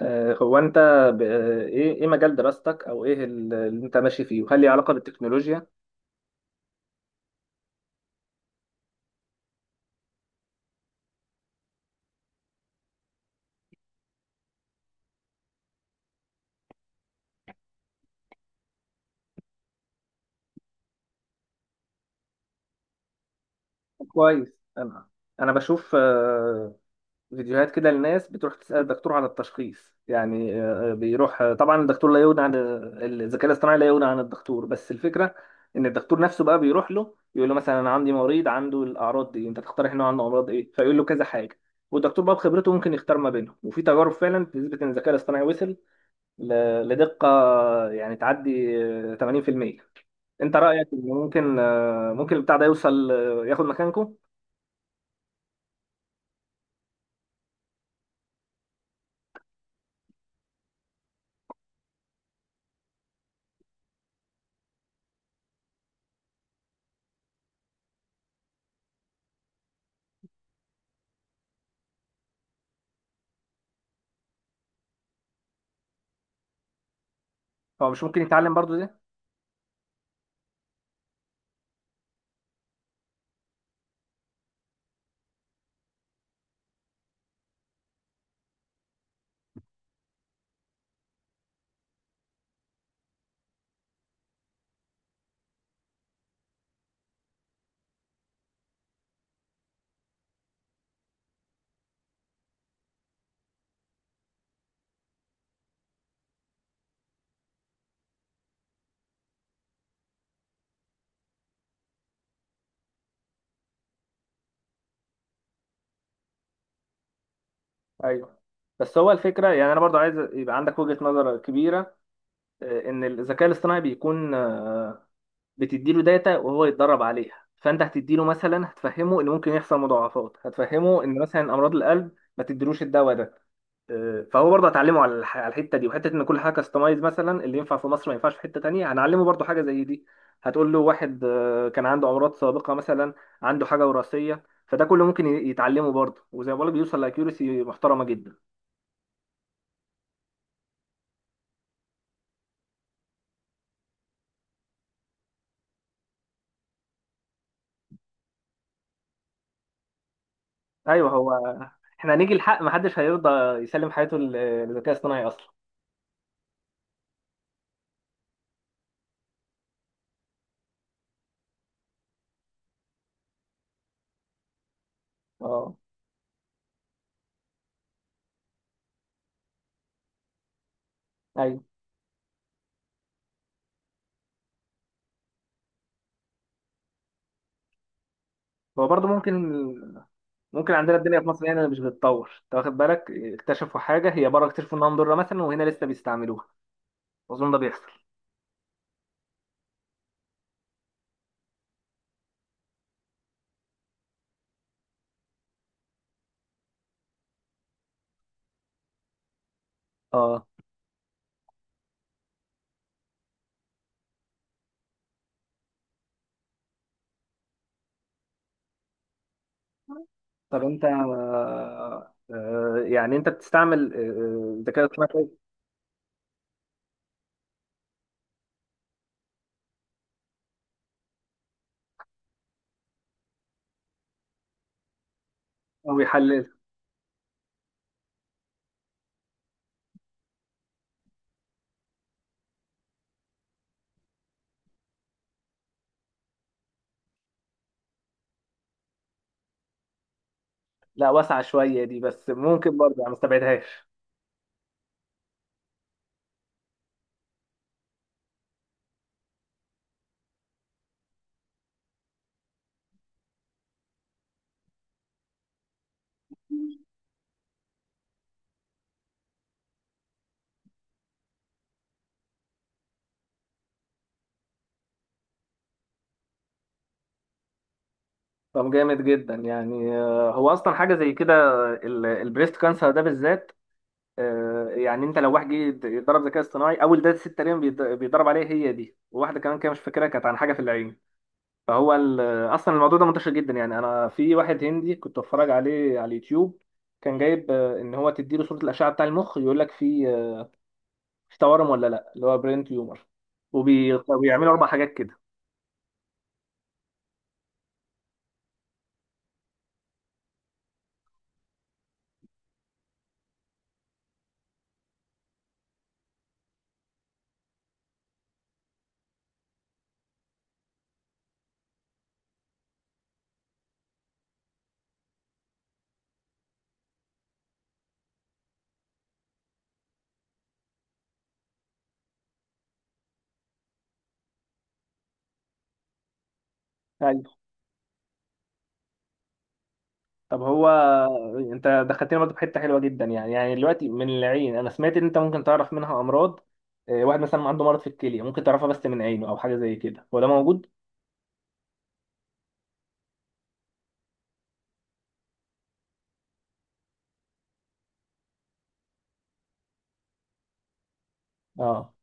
هو انت ايه مجال دراستك او ايه اللي انت ماشي فيه، وهل ليه علاقه بالتكنولوجيا؟ كويس. انا انا بشوف فيديوهات كده لناس بتروح تسال الدكتور على التشخيص، يعني بيروح، طبعا الدكتور لا يغني عن الذكاء الاصطناعي، لا يغني عن الدكتور، بس الفكره ان الدكتور نفسه بقى بيروح له يقول له مثلا: انا عندي مريض عنده الاعراض دي، انت تقترح انه عنده امراض ايه؟ فيقول له كذا حاجه. والدكتور بقى بخبرته ممكن يختار ما بينهم، وفي تجارب فعلا بتثبت ان الذكاء الاصطناعي وصل لدقة يعني تعدي 80%. انت رأيك ان ممكن ممكن البتاع ده يوصل ياخد مكانكم؟ هو مش ممكن يتعلم برضو ده؟ ايوه، بس هو الفكرة، يعني انا برضو عايز يبقى عندك وجهة نظر كبيرة. ان الذكاء الاصطناعي بيكون، بتديله داتا وهو يتدرب عليها، فانت هتديله مثلا، هتفهمه ان ممكن يحصل مضاعفات، هتفهمه ان مثلا امراض القلب ما تديلوش الدواء ده. فهو برضه هتعلمه على الحته دي، وحته ان كل حاجه كاستمايز، مثلا اللي ينفع في مصر ما ينفعش في حته تانية، هنعلمه برضه حاجه زي دي. هتقول له واحد كان عنده امراض سابقه مثلا، عنده حاجه وراثيه، فده كله ممكن يتعلمه برضه، وزي ما بقولك بيوصل لاكيورسي محترمه جدا. ايوه هو، احنا هنيجي الحق محدش هيرضى يسلم حياته للذكاء الاصطناعي اصلا. اه. ايوه، هو برضه ممكن، عندنا الدنيا في مصر هنا مش بتتطور، انت واخد بالك؟ اكتشفوا حاجه هي بره، اكتشفوا انها مضره مثلا، وهنا لسه بيستعملوها. اظن ده بيحصل. اه. طب انت يعني انت بتستعمل الذكاء الاصطناعي كويس؟ او يحلل. لا، واسعه شويه دي، بس ممكن برضه يعني ما استبعدهاش. طب جامد جدا يعني، هو اصلا حاجه زي كده البريست كانسر ده بالذات. يعني انت لو واحد جه يتدرب ذكاء اصطناعي، اول داتا ست تقريبا بيتدرب عليها هي دي، وواحده كمان كده مش فاكرها، كانت عن حاجه في العين. فهو ال- اصلا الموضوع ده منتشر جدا يعني، انا في واحد هندي كنت بتفرج عليه على اليوتيوب. كان جايب ان هو تديله صوره الاشعه بتاع المخ، يقول لك في مش تورم ولا لا، اللي هو برين تيومر، وبيعملوا اربع حاجات كده. ايوه. طب هو انت دخلتني برضه في حته حلوه جدا يعني دلوقتي من العين، انا سمعت ان انت ممكن تعرف منها امراض. واحد مثلا عنده مرض في الكليه، ممكن تعرفها بس من عينه او حاجه زي كده، هو ده موجود؟ اه.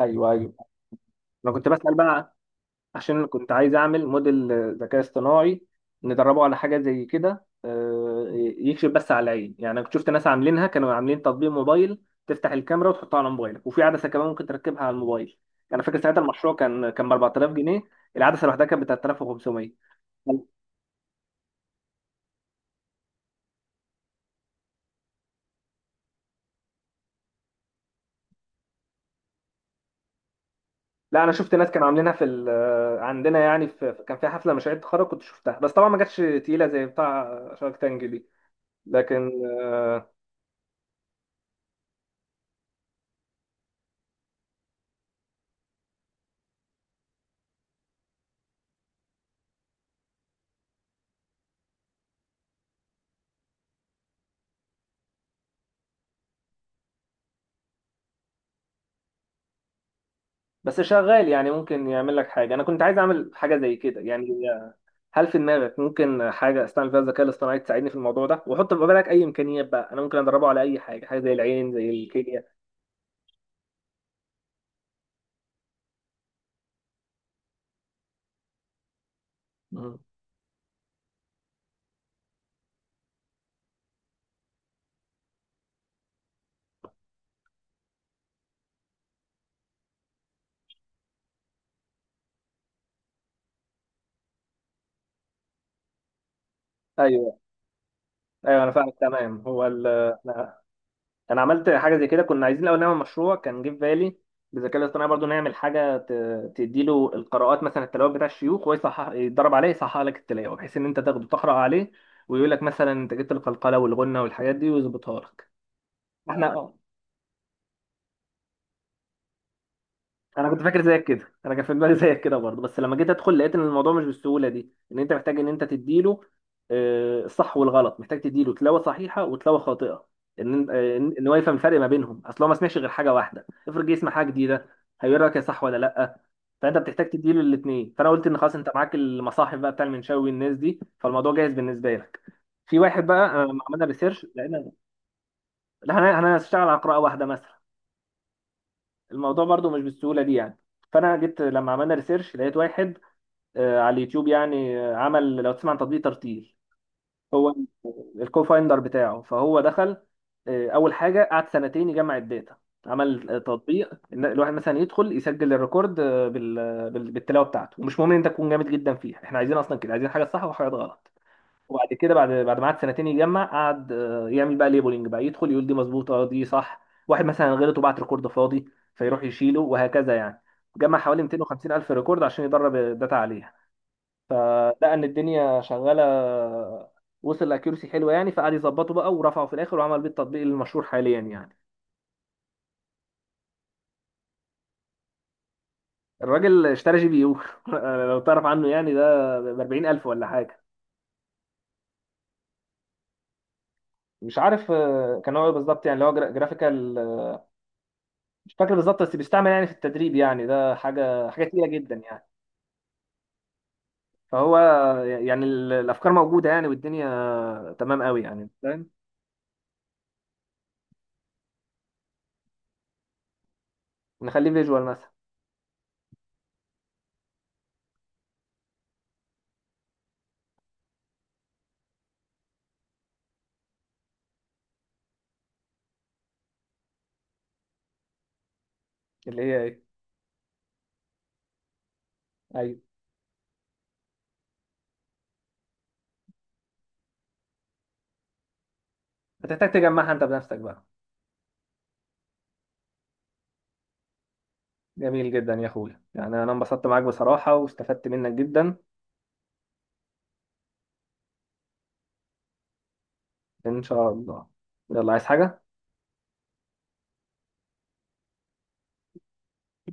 ايوه، ايوه، انا كنت بسال بقى عشان كنت عايز اعمل موديل ذكاء اصطناعي، ندربه على حاجه زي كده، يكشف بس على العين يعني. أنا كنت شفت ناس عاملينها، كانوا عاملين تطبيق موبايل، تفتح الكاميرا وتحطها على موبايلك، وفي عدسه كمان ممكن تركبها على الموبايل. يعني انا فاكر ساعتها المشروع كان ب 4000 جنيه. العدسه لوحدها كانت ب 3500. لا، انا شفت ناس كانوا عاملينها في عندنا يعني، كان في حفله مشاريع تخرج كنت شفتها، بس طبعا ما جاتش تقيله زي بتاع شارك تانج دي. لكن آه، بس شغال، يعني ممكن يعمل لك حاجة، أنا كنت عايز أعمل حاجة زي كده يعني. هل في دماغك ممكن حاجة أستعمل فيها الذكاء الاصطناعي تساعدني في الموضوع ده؟ وحط في بالك أي إمكانيات بقى، أنا ممكن أدربه على أي حاجة، حاجة زي العين، زي الكلية. مم. أيوه، أيوه، أنا فاهمك تمام. هو أنا أنا عملت حاجة زي كده، كنا عايزين الأول نعمل مشروع كان جه في بالي بالذكاء الاصطناعي برضو، نعمل حاجة تديله القراءات مثلا التلاوة بتاع الشيوخ، وهو يصحح، يتدرب عليه يصحح لك التلاوة، بحيث إن أنت تاخده تقرأ عليه، ويقول لك مثلا أنت جبت القلقلة والغنة والحاجات دي ويظبطها لك. احنا. انا كنت فاكر زيك كده، انا كان في دماغي زيك كده برضه، بس لما جيت ادخل لقيت ان الموضوع مش بالسهوله دي، ان انت محتاج ان انت تديله الصح والغلط، محتاج تديله تلاوه صحيحه وتلاوه خاطئه. ان هو يفهم الفرق ما بينهم، اصل هو ما سمعش غير حاجه واحده، افرض جه يسمع حاجه جديده هيقول لك يا صح ولا لا. فانت بتحتاج تديله الاثنين، فانا قلت ان خلاص، انت معاك المصاحف بقى بتاع المنشاوي والناس دي، فالموضوع جاهز بالنسبه لك. في واحد بقى، لما عملنا ريسيرش لقينا. لا، انا هشتغل على قراءه واحده مثلا. الموضوع برضو مش بالسهولة دي يعني. فأنا جيت لما عملنا ريسيرش لقيت واحد على اليوتيوب، يعني عمل، لو تسمع عن تطبيق ترتيل. هو الكو فايندر بتاعه، فهو دخل. أول حاجة قعد سنتين يجمع الداتا. عمل تطبيق إن الواحد مثلا يدخل يسجل الريكورد بالتلاوة بتاعته، ومش مهم إن أنت تكون جامد جدا فيها، إحنا عايزين أصلا كده عايزين حاجة صح وحاجات غلط. وبعد كده، بعد ما قعد سنتين يجمع، قعد يعمل بقى ليبلنج، بقى يدخل يقول دي مظبوطه، دي صح، واحد مثلا غلط وبعت ريكورد فاضي، فيروح يشيله وهكذا يعني. جمع حوالي 250 الف ريكورد عشان يدرب الداتا عليها، فلقى ان الدنيا شغاله، وصل لاكيورسي حلوه يعني، فقعد يظبطه بقى ورفعه في الاخر وعمل بيه التطبيق المشهور حاليا يعني. الراجل اشترى جي بي يو لو تعرف عنه، يعني ده ب 40000 ولا حاجه. مش عارف، كان هو إيه بالظبط، يعني اللي هو جرافيكال. مش فاكر بالظبط، بس بيستعمل يعني في التدريب، يعني ده حاجه تقيله جدا يعني. فهو. يعني الافكار موجوده يعني والدنيا تمام قوي يعني، فاهم. نخليه فيجوال مثلا. اللي هي ايه؟ ايوه. هتحتاج تجمعها انت بنفسك بقى. جميل جدا يا اخويا، يعني انا انبسطت معاك بصراحه واستفدت منك جدا. ان شاء الله. يلا، عايز حاجه؟